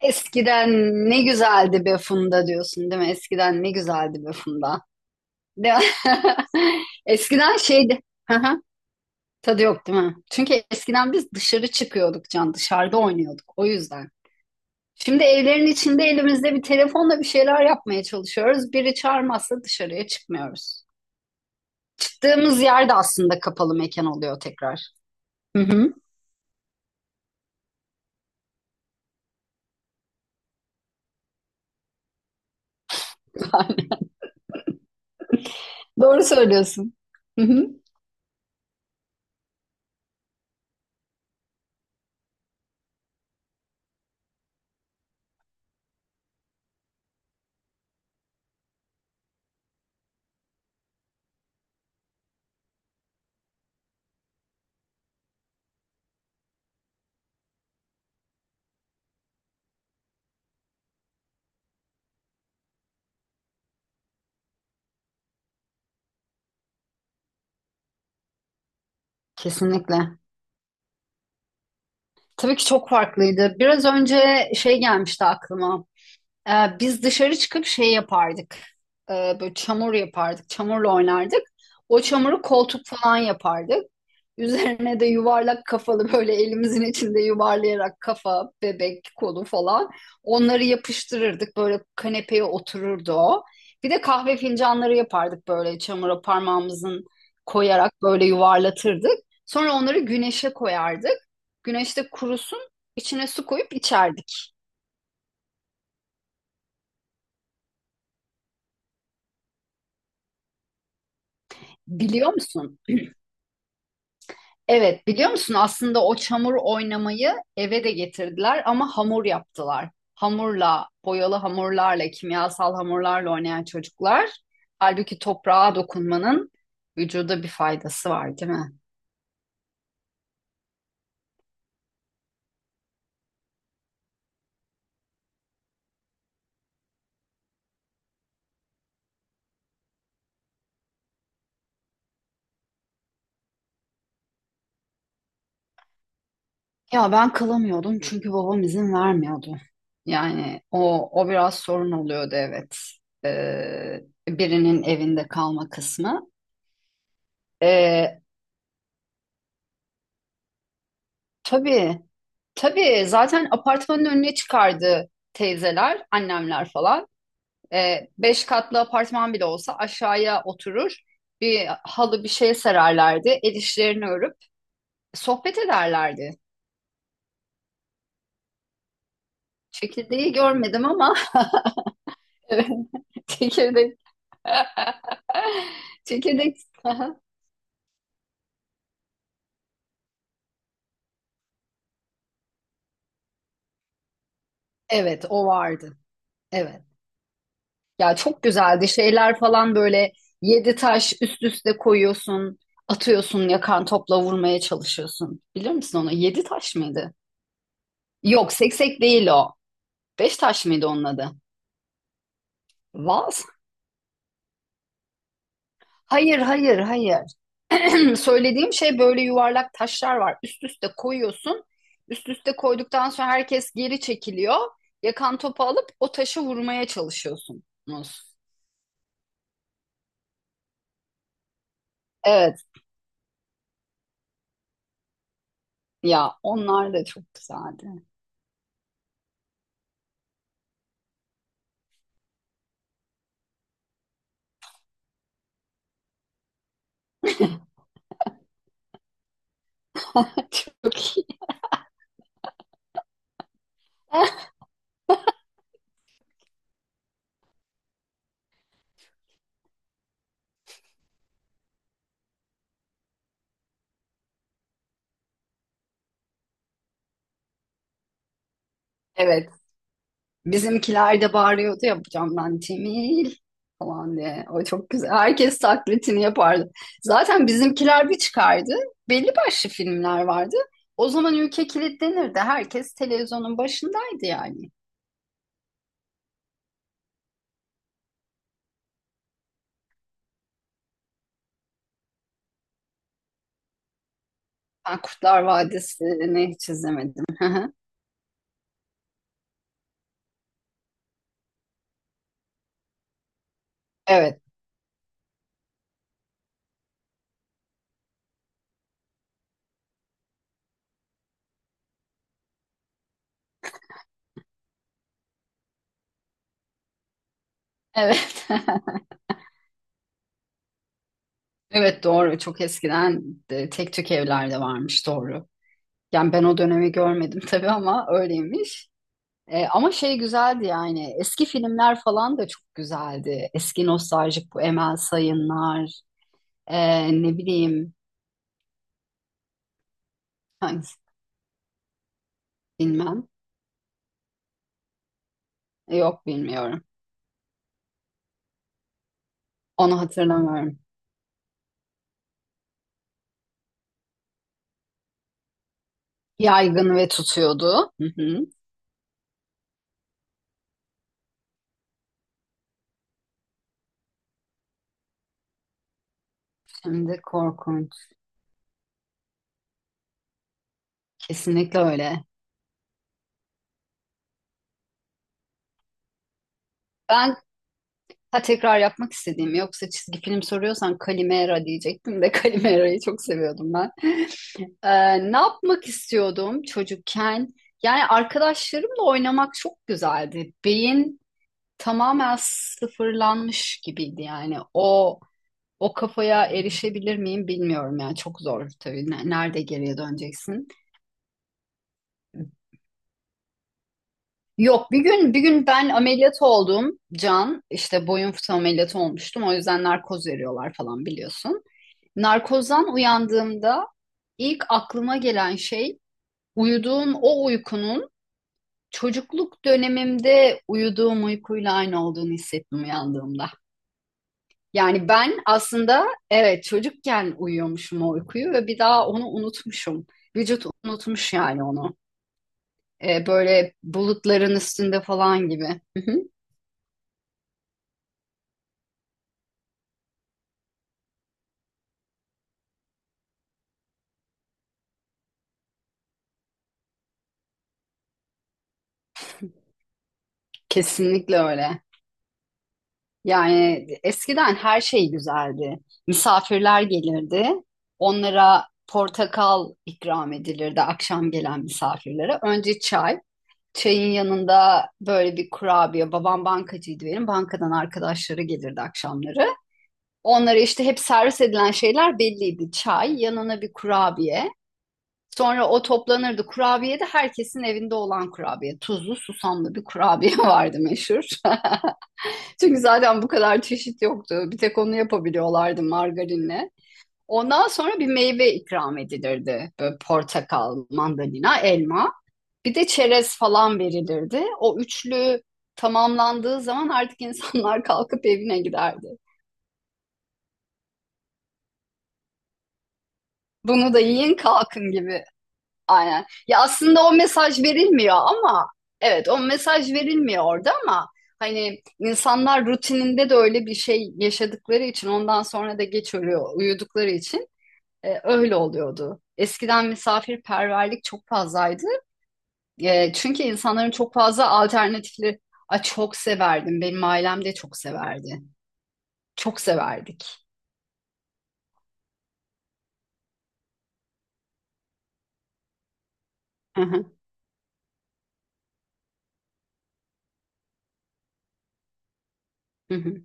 Eskiden ne güzeldi be Funda diyorsun değil mi? Eskiden ne güzeldi be Funda. Değil mi? Eskiden şeydi. Hı hı. Tadı yok değil mi? Çünkü eskiden biz dışarı çıkıyorduk Can, dışarıda oynuyorduk o yüzden. Şimdi evlerin içinde elimizde bir telefonla bir şeyler yapmaya çalışıyoruz. Biri çağırmazsa dışarıya çıkmıyoruz. Çıktığımız yerde aslında kapalı mekan oluyor tekrar. Hı hı. Doğru söylüyorsun. Hı hı. Kesinlikle. Tabii ki çok farklıydı. Biraz önce şey gelmişti aklıma. Ee, Biz dışarı çıkıp şey yapardık. Böyle çamur yapardık. Çamurla oynardık. O çamuru koltuk falan yapardık. Üzerine de yuvarlak kafalı böyle elimizin içinde yuvarlayarak kafa, bebek, kolu falan onları yapıştırırdık. Böyle kanepeye otururdu o. Bir de kahve fincanları yapardık böyle çamura parmağımızın koyarak böyle yuvarlatırdık. Sonra onları güneşe koyardık. Güneşte kurusun, içine su koyup içerdik. Biliyor musun? Evet, biliyor musun aslında o çamur oynamayı eve de getirdiler ama hamur yaptılar. Hamurla, boyalı hamurlarla, kimyasal hamurlarla oynayan çocuklar. Halbuki toprağa dokunmanın vücuda bir faydası var, değil mi? Ya ben kalamıyordum çünkü babam izin vermiyordu. Yani o biraz sorun oluyordu evet. Ee, Birinin evinde kalma kısmı. Ee, Tabii. Tabii zaten apartmanın önüne çıkardı teyzeler, annemler falan. Beş katlı apartman bile olsa aşağıya oturur. Bir halı bir şey sererlerdi. El işlerini örüp sohbet ederlerdi. Çekirdeği görmedim ama evet, çekirdek. Çekirdek. Evet, o vardı. Evet. Ya çok güzeldi şeyler falan böyle yedi taş üst üste koyuyorsun, atıyorsun yakan topla vurmaya çalışıyorsun. Bilir misin onu? Yedi taş mıydı? Yok seksek değil o. Beş taş mıydı onun adı? Vaz? Hayır, hayır, hayır. Söylediğim şey böyle yuvarlak taşlar var. Üst üste koyuyorsun. Üst üste koyduktan sonra herkes geri çekiliyor. Yakan topu alıp o taşı vurmaya çalışıyorsunuz. Evet, ya onlar da çok güzeldi. Çok iyi. Evet. Bizimkiler de bağırıyordu ya bu camdan Cemil falan diye. O çok güzel. Herkes taklitini yapardı. Zaten bizimkiler bir çıkardı. Belli başlı filmler vardı. O zaman ülke kilitlenirdi. Herkes televizyonun başındaydı yani. Ben Kurtlar Vadisi'ni hiç izlemedim. Evet. Evet. Evet, doğru. Çok eskiden de tek tük evlerde varmış, doğru. Yani ben o dönemi görmedim tabii ama öyleymiş. Ama şey güzeldi yani eski filmler falan da çok güzeldi. Eski nostaljik bu Emel Sayınlar, ne bileyim hangisi bilmem. Yok, bilmiyorum. Onu hatırlamıyorum. Yaygın ve tutuyordu. Hı hı. Şimdi korkunç. Kesinlikle öyle. Ben, ha, tekrar yapmak istediğim yoksa çizgi film soruyorsan Kalimera diyecektim de Kalimera'yı çok seviyordum ben. Ne yapmak istiyordum çocukken? Yani arkadaşlarımla oynamak çok güzeldi. Beyin tamamen sıfırlanmış gibiydi yani. O kafaya erişebilir miyim bilmiyorum yani çok zor tabii. Nerede geriye döneceksin? Yok, bir gün bir gün ben ameliyat oldum Can, işte boyun fıtığı ameliyatı olmuştum, o yüzden narkoz veriyorlar falan biliyorsun. Narkozdan uyandığımda ilk aklıma gelen şey uyuduğum o uykunun çocukluk dönemimde uyuduğum uykuyla aynı olduğunu hissettim uyandığımda. Yani ben aslında evet çocukken uyuyormuşum o uykuyu ve bir daha onu unutmuşum. Vücut unutmuş yani onu. Böyle bulutların üstünde falan gibi. Hı hı. Kesinlikle öyle. Yani eskiden her şey güzeldi. Misafirler gelirdi. Onlara portakal ikram edilirdi, akşam gelen misafirlere. Önce çay. Çayın yanında böyle bir kurabiye. Babam bankacıydı benim. Bankadan arkadaşları gelirdi akşamları. Onlara işte hep servis edilen şeyler belliydi. Çay, yanına bir kurabiye. Sonra o toplanırdı. Kurabiye de herkesin evinde olan kurabiye. Tuzlu, susamlı bir kurabiye vardı meşhur. Çünkü zaten bu kadar çeşit yoktu. Bir tek onu yapabiliyorlardı margarinle. Ondan sonra bir meyve ikram edilirdi. Böyle portakal, mandalina, elma. Bir de çerez falan verilirdi. O üçlü tamamlandığı zaman artık insanlar kalkıp evine giderdi. Bunu da yiyin kalkın gibi. Aynen. Ya aslında o mesaj verilmiyor ama evet o mesaj verilmiyor orada ama hani insanlar rutininde de öyle bir şey yaşadıkları için ondan sonra da geç ölüyor uyudukları için öyle oluyordu. Eskiden misafirperverlik çok fazlaydı. E, çünkü insanların çok fazla alternatifleri. Ay, çok severdim. Benim ailem de çok severdi. Çok severdik. Hı hı. Hı hı.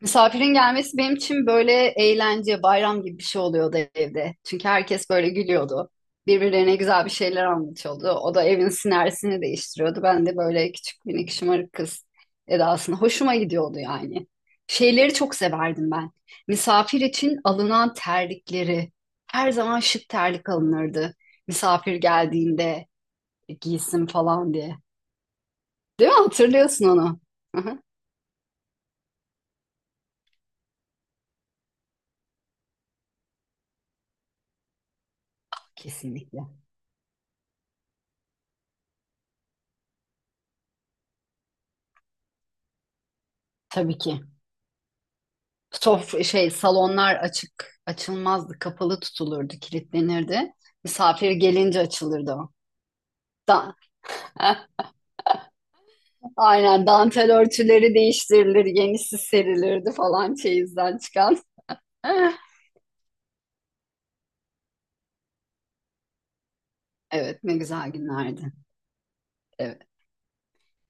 Misafirin gelmesi benim için böyle eğlence, bayram gibi bir şey oluyordu evde. Çünkü herkes böyle gülüyordu. Birbirlerine güzel bir şeyler anlatıyordu. O da evin sinersini değiştiriyordu. Ben de böyle küçük minik şımarık kız edasını hoşuma gidiyordu yani. Şeyleri çok severdim ben. Misafir için alınan terlikleri. Her zaman şık terlik alınırdı. Misafir geldiğinde "E, giysin" falan diye. Değil mi? Hatırlıyorsun onu. Hı hı. Kesinlikle. Tabii ki. Şey, salonlar açık açılmazdı, kapalı tutulurdu, kilitlenirdi. Misafir gelince açılırdı o. Da. Aynen, dantel örtüleri değiştirilir, yenisi serilirdi falan, çeyizden çıkan. Evet, ne güzel günlerdi. Evet.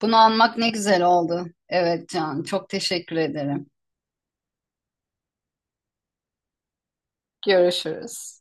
Bunu anmak ne güzel oldu. Evet Can, çok teşekkür ederim. Görüşürüz.